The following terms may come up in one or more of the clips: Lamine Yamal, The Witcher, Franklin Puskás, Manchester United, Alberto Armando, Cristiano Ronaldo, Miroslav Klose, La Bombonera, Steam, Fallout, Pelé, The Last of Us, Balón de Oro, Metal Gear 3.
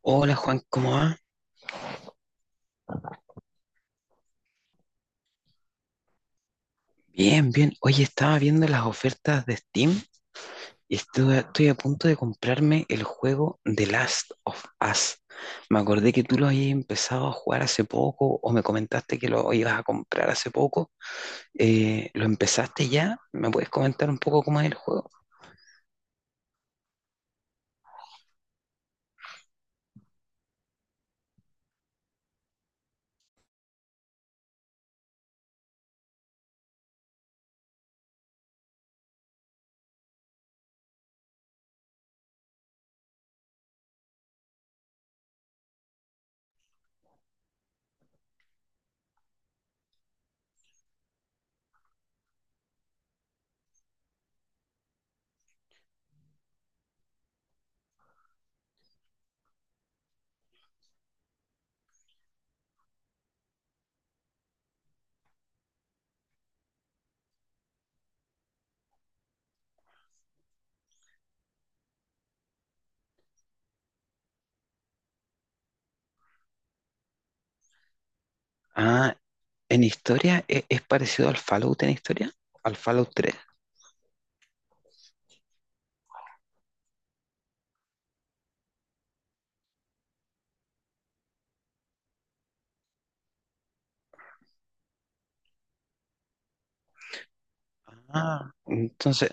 Hola Juan, ¿cómo va? Bien, bien. Oye, estaba viendo las ofertas de Steam y estoy a punto de comprarme el juego The Last of Us. Me acordé que tú lo habías empezado a jugar hace poco o me comentaste que lo ibas a comprar hace poco. ¿Lo empezaste ya? ¿Me puedes comentar un poco cómo es el juego? Ah, en historia, es parecido al Fallout en historia, al Fallout tres? Ah, entonces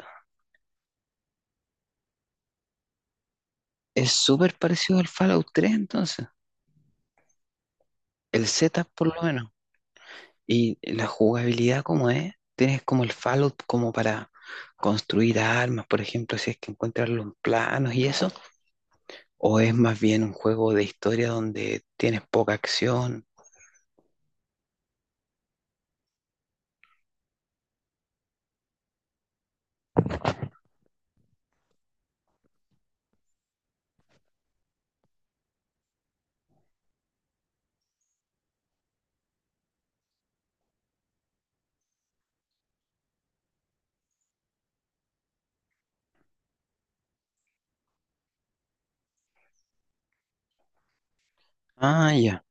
es súper parecido al Fallout 3, entonces. El setup por lo menos. ¿Y la jugabilidad, como es? Tienes como el Fallout, como para construir armas, por ejemplo, si es que encuentras los planos y eso. ¿O es más bien un juego de historia donde tienes poca acción? Ah, ya.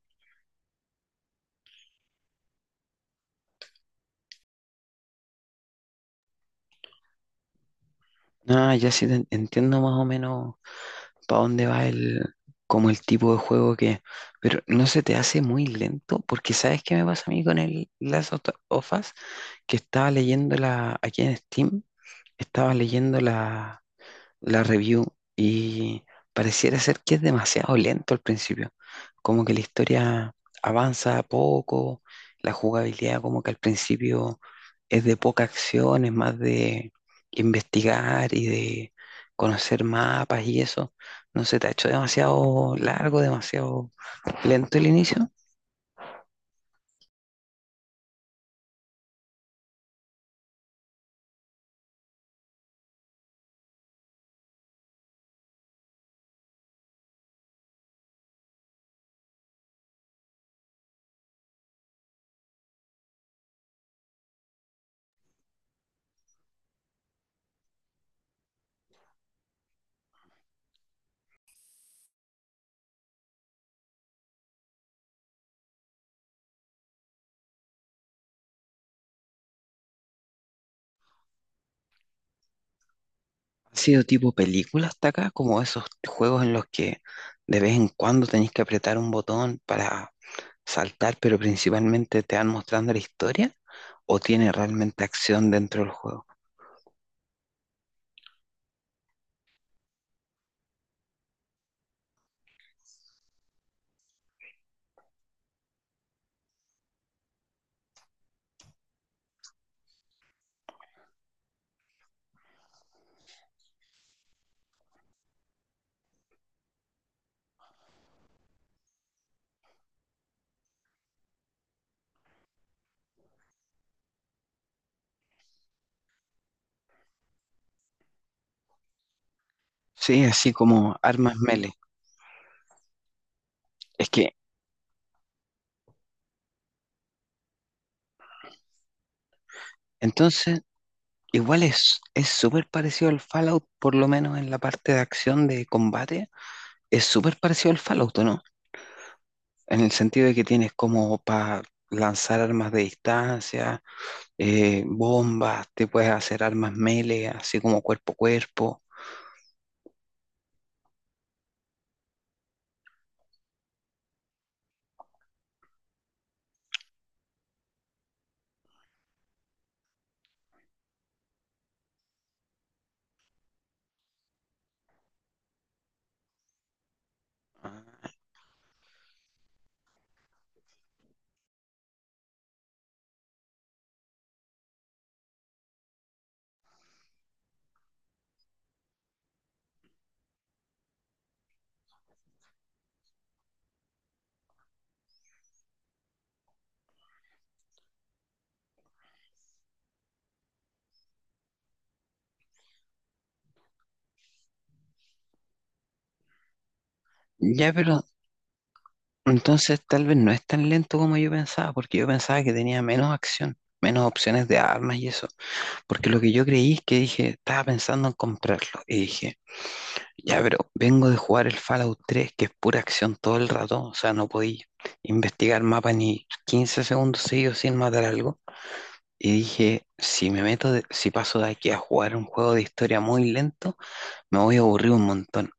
Ah, ya sí te entiendo más o menos para dónde va el, como el tipo de juego que... Pero ¿no se te hace muy lento? Porque ¿sabes qué me pasa a mí con el Last of Us? Que estaba leyendo la... Aquí en Steam, estaba leyendo la review, y pareciera ser que es demasiado lento al principio. Como que la historia avanza poco, la jugabilidad como que al principio es de poca acción, es más de investigar y de conocer mapas y eso. ¿No se te ha hecho demasiado largo, demasiado lento el inicio? ¿Ha sido tipo película hasta acá? Como esos juegos en los que de vez en cuando tenéis que apretar un botón para saltar, pero principalmente te van mostrando la historia, o tiene realmente acción dentro del juego. Sí, así como armas melee. Es que entonces igual es súper parecido al Fallout, por lo menos en la parte de acción de combate, es súper parecido al Fallout, ¿o no? En el sentido de que tienes como para lanzar armas de distancia, bombas, te puedes hacer armas melee, así como cuerpo a cuerpo. Ah, ya, pero entonces tal vez no es tan lento como yo pensaba, porque yo pensaba que tenía menos acción, menos opciones de armas y eso. Porque lo que yo creí es que dije, estaba pensando en comprarlo. Y dije, ya, pero vengo de jugar el Fallout 3, que es pura acción todo el rato. O sea, no podía investigar mapa ni 15 segundos seguidos sin matar algo. Y dije, si me meto, si paso de aquí a jugar un juego de historia muy lento, me voy a aburrir un montón.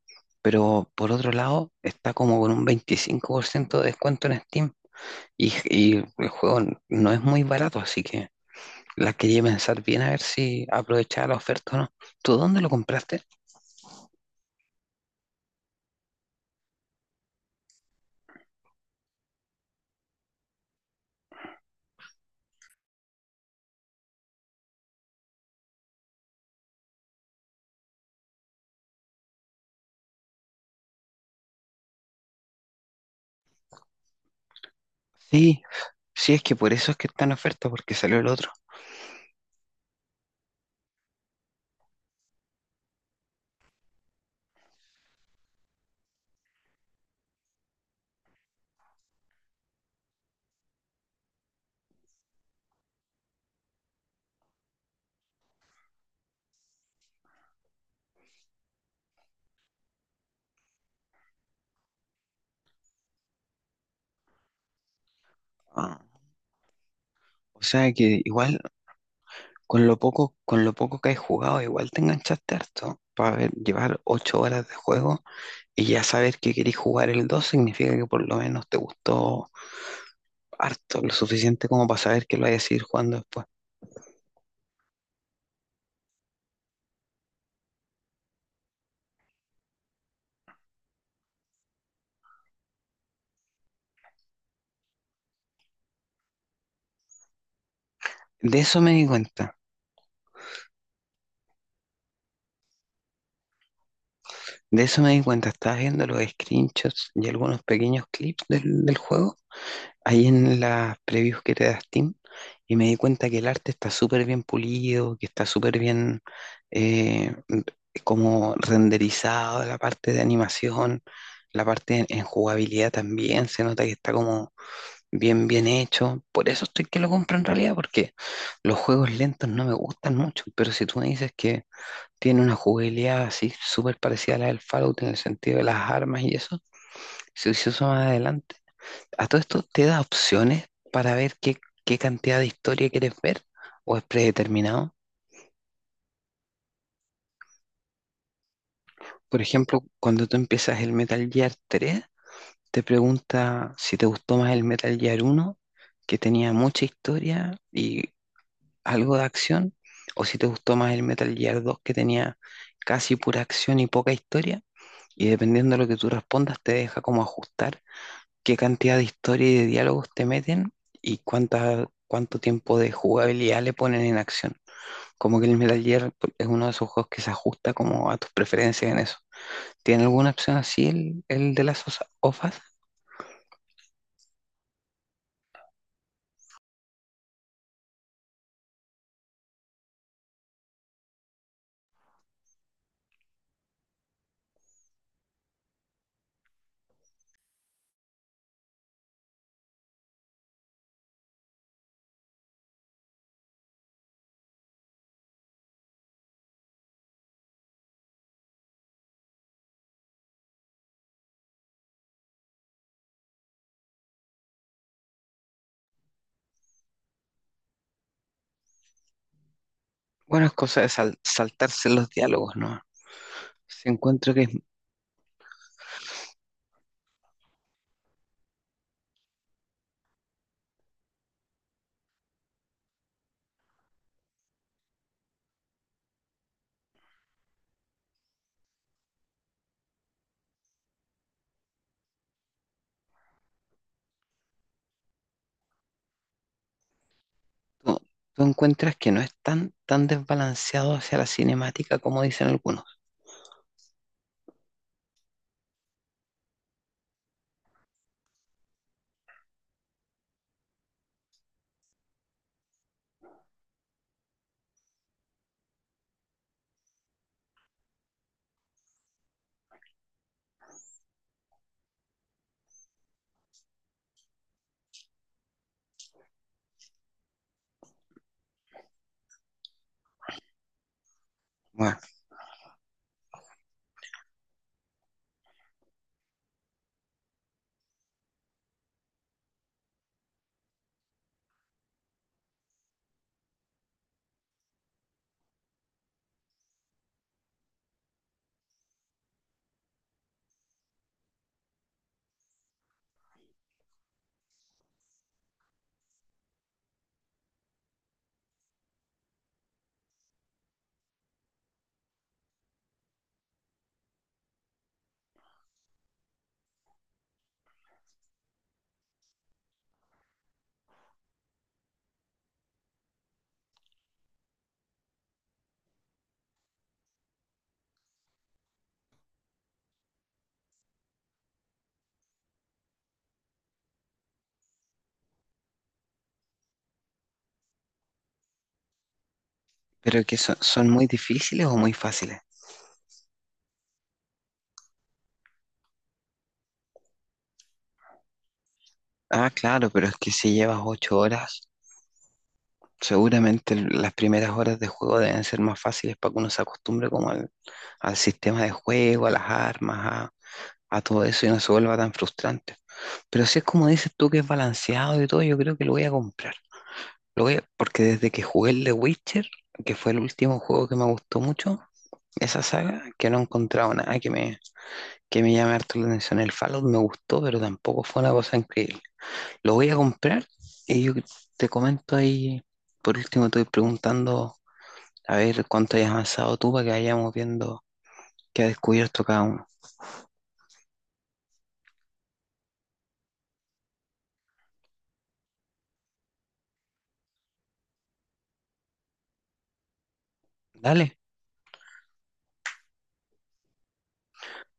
Pero por otro lado, está como con un 25% de descuento en Steam. Y el juego no es muy barato, así que la quería pensar bien a ver si aprovechaba la oferta o no. ¿Tú dónde lo compraste? Sí, sí, es que por eso es que está en oferta, porque salió el otro. Ah, o sea que igual, con lo poco que has jugado, igual te enganchaste harto. Para ver, llevar 8 horas de juego y ya saber que querés jugar el 2 significa que por lo menos te gustó harto, lo suficiente como para saber que lo vayas a seguir jugando después. De eso me di cuenta. De eso me di cuenta, estaba viendo los screenshots y algunos pequeños clips del juego, ahí en las previews que te da Steam, y me di cuenta que el arte está súper bien pulido, que está súper bien, eh, como renderizado, la parte de animación, la parte en jugabilidad también. Se nota que está como bien, bien hecho. Por eso estoy que lo compro en realidad, porque los juegos lentos no me gustan mucho, pero si tú me dices que tiene una jugabilidad así súper parecida a la del Fallout en el sentido de las armas y eso. Si se hizo más adelante. A todo esto, ¿te da opciones para ver qué, qué cantidad de historia quieres ver, o es predeterminado? Por ejemplo, cuando tú empiezas el Metal Gear 3, te pregunta si te gustó más el Metal Gear 1, que tenía mucha historia y algo de acción, o si te gustó más el Metal Gear 2, que tenía casi pura acción y poca historia. Y dependiendo de lo que tú respondas, te deja como ajustar qué cantidad de historia y de diálogos te meten y cuánta, cuánto tiempo de jugabilidad le ponen en acción. Como que el Metal Gear es uno de esos juegos que se ajusta como a tus preferencias en eso. ¿Tiene alguna opción así el de las OFAS? Bueno, es cosa de saltarse los diálogos, ¿no? Se encuentro que es- tú, tú encuentras que no es tan, tan desbalanceado hacia la cinemática como dicen algunos. Bueno, pero que ¿son, son muy difíciles o muy fáciles? Ah, claro, pero es que si llevas 8 horas, seguramente las primeras horas de juego deben ser más fáciles para que uno se acostumbre como al, al sistema de juego, a las armas, a todo eso y no se vuelva tan frustrante. Pero si es como dices tú que es balanceado y todo, yo creo que lo voy a comprar. Porque desde que jugué el The Witcher, que fue el último juego que me gustó mucho, esa saga, que no he encontrado nada que me, que me llame harto la atención. El Fallout me gustó, pero tampoco fue una cosa increíble. Lo voy a comprar y yo te comento ahí. Por último, estoy preguntando a ver cuánto hayas avanzado tú para que vayamos viendo qué ha descubierto cada uno. Dale,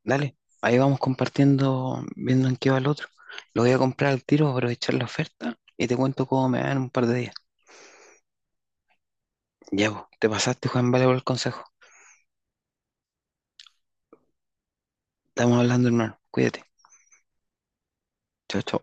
dale. Ahí vamos compartiendo, viendo en qué va el otro. Lo voy a comprar al tiro, aprovechar la oferta y te cuento cómo me va en un par de días. Ya, vos, te pasaste, Juan, vale por el consejo. Estamos hablando, hermano. Cuídate. Chao, chao.